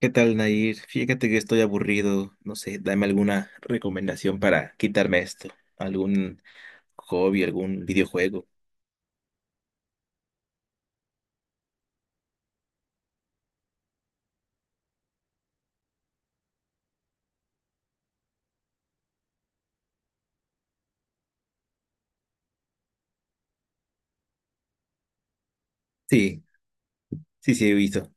¿Qué tal, Nair? Fíjate que estoy aburrido. No sé, dame alguna recomendación para quitarme esto. ¿Algún hobby, algún videojuego? Sí, sí, sí, he visto.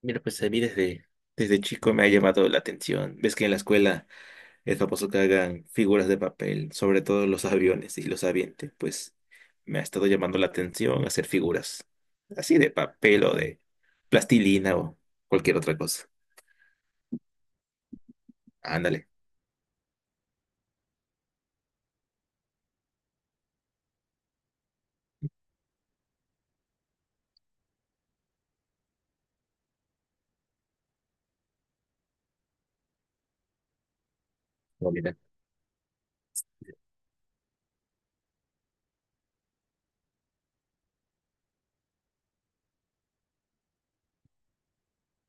Mira, pues a mí desde chico me ha llamado la atención. Ves que en la escuela es famoso que hagan figuras de papel, sobre todo los aviones y los avientes. Pues me ha estado llamando la atención hacer figuras así de papel o de plastilina o cualquier otra cosa. Ándale.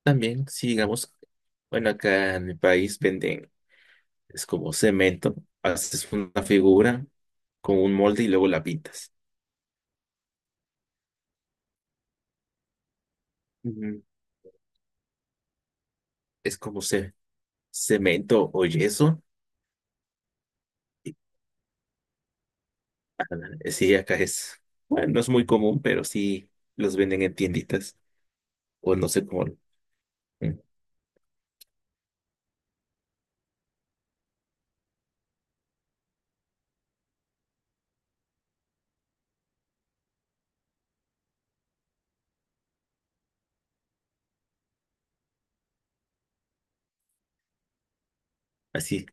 También, si digamos, bueno, acá en mi país venden, es como cemento, haces una figura con un molde y luego la pintas. Ujú. Es como cemento o yeso. Y, ah, sí, acá es, bueno, no es muy común, pero sí los venden en tienditas o no sé cómo, mm, así,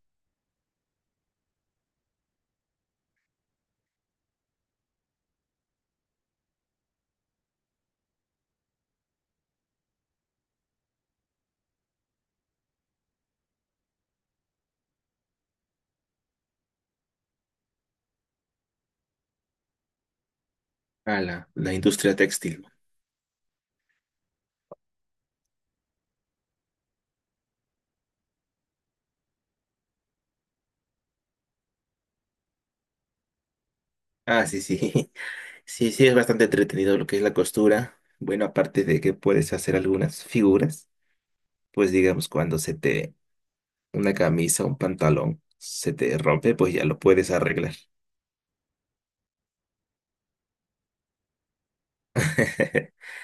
a la industria textil. Ah, sí, sí, sí, sí, es bastante entretenido lo que es la costura. Bueno, aparte de que puedes hacer algunas figuras, pues digamos, cuando se te una camisa, un pantalón, se te rompe, pues ya lo puedes arreglar.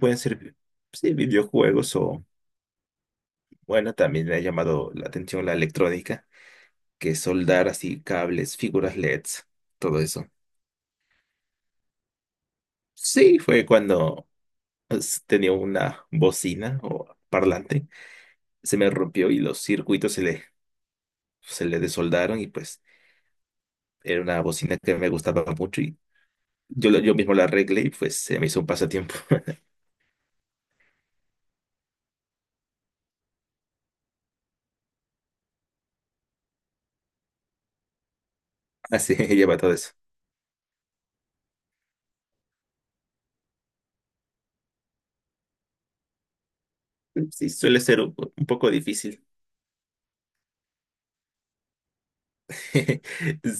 Pueden ser, sí, videojuegos o, bueno, también me ha llamado la atención la electrónica, que es soldar así cables, figuras LEDs, todo eso. Sí, fue cuando pues, tenía una bocina o parlante, se me rompió y los circuitos se le desoldaron y pues era una bocina que me gustaba mucho y yo, yo mismo la arreglé y pues se me hizo un pasatiempo. Así lleva todo eso. Sí, suele ser un, un poco difícil.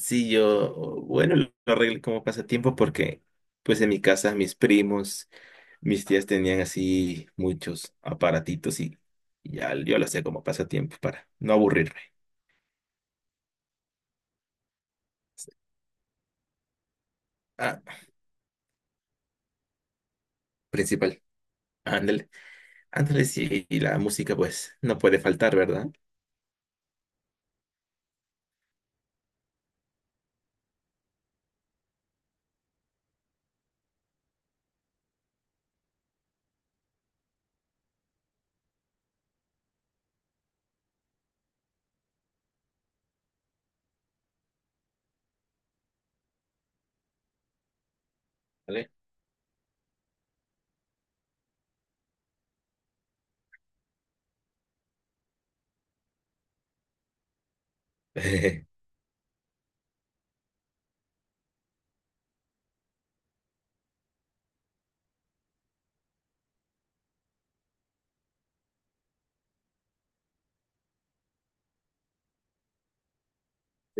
Sí, yo, bueno, lo arreglé como pasatiempo porque, pues en mi casa, mis primos, mis tías tenían así muchos aparatitos y ya yo lo hacía como pasatiempo para no aburrirme. Ah, principal. Ándale, ándale, sí, y la música, pues, no puede faltar, ¿verdad? Vale. Te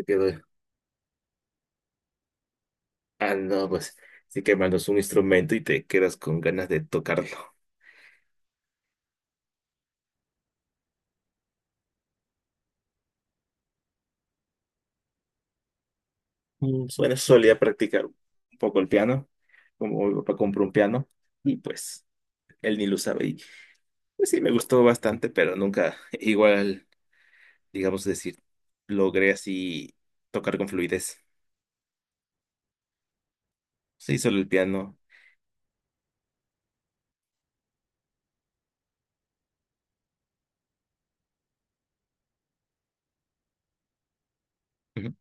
quedo. Ah, no, pues, sí que mandas un instrumento y te quedas con ganas de tocarlo. Bueno, solía practicar un poco el piano, como mi papá compró un piano y pues él ni lo sabe. Y pues sí, me gustó bastante, pero nunca igual, digamos decir, logré así tocar con fluidez. Sí, solo el piano. Ujú.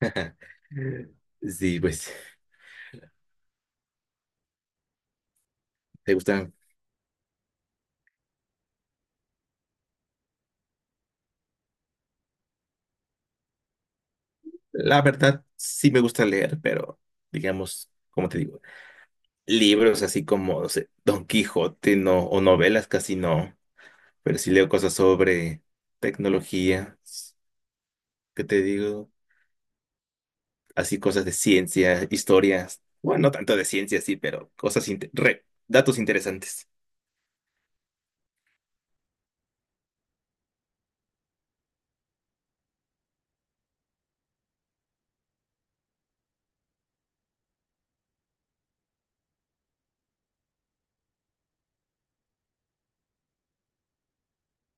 Sí, pues te gustan. La verdad, sí me gusta leer, pero digamos, como te digo, libros así como, no sé, Don Quijote no, o novelas casi no. Pero sí leo cosas sobre tecnología, ¿qué te digo? Así cosas de ciencia, historias, bueno, no tanto de ciencia, sí, pero cosas, datos interesantes.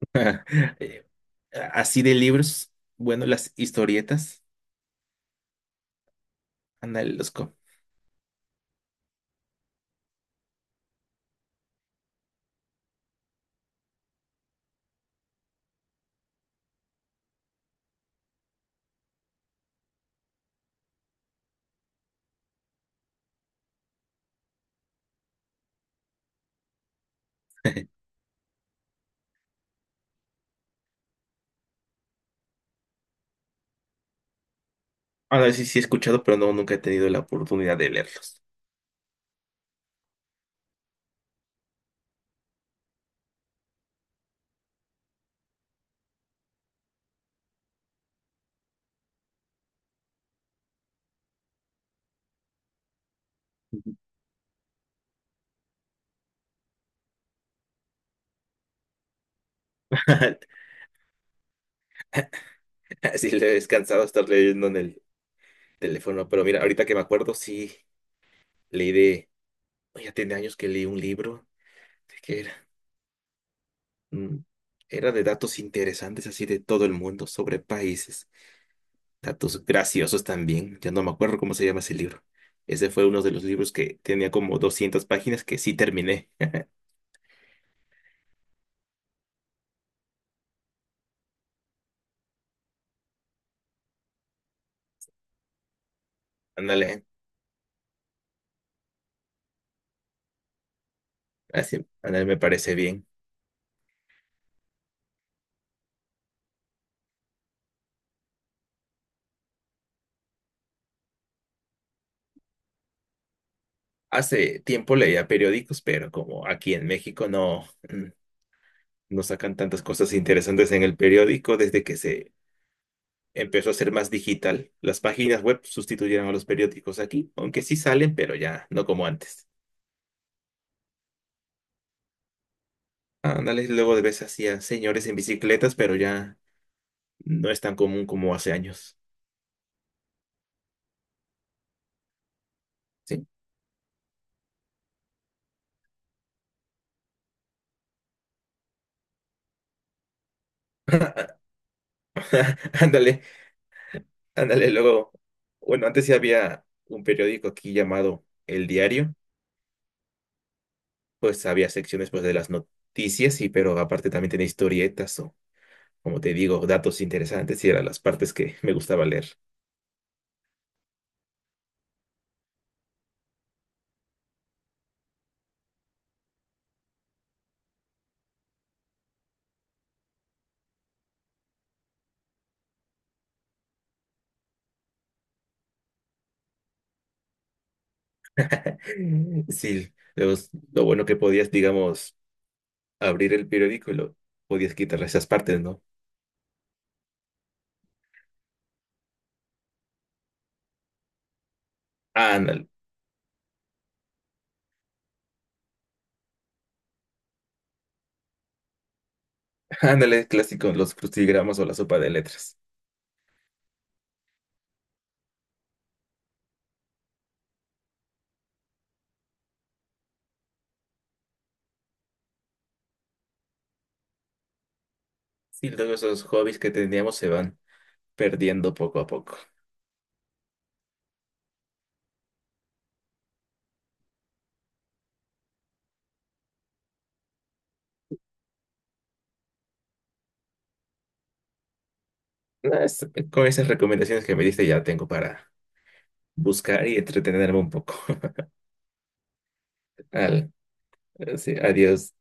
Eh, así de libros, bueno, las historietas, ándale, Ah, no, sí, sí he escuchado, pero no, nunca he tenido la oportunidad de leerlos. Sí, le he cansado estar leyendo en el teléfono, pero mira, ahorita que me acuerdo, sí, leí de, oh, ya tiene años que leí un libro, Mm, era de datos interesantes así de todo el mundo, sobre países, datos graciosos también, ya no me acuerdo cómo se llama ese libro. Ese fue uno de los libros que tenía como 200 páginas que sí terminé. Ándale, así, ándale, me parece bien. Hace tiempo leía periódicos, pero como aquí en México no, mm, no sacan tantas cosas interesantes en el periódico desde que se empezó a ser más digital. Las páginas web sustituyeron a los periódicos aquí, aunque sí salen, pero ya no como antes. Ándale, luego de veces hacía señores en bicicletas, pero ya no es tan común como hace años. Sí. Ándale, ándale, luego. Bueno, antes sí había un periódico aquí llamado El Diario, pues había secciones pues, de las noticias, y pero aparte también tenía historietas o, como te digo, datos interesantes y eran las partes que me gustaba leer. Sí, lo bueno que podías, digamos, abrir el periódico y lo podías quitarle esas partes, ¿no? Ándale, ándale, clásico, los crucigramas o la sopa de letras. Sí, luego esos hobbies que teníamos se van perdiendo poco a poco. No, con esas recomendaciones que me diste ya tengo para buscar y entretenerme un poco. Al, sí, adiós.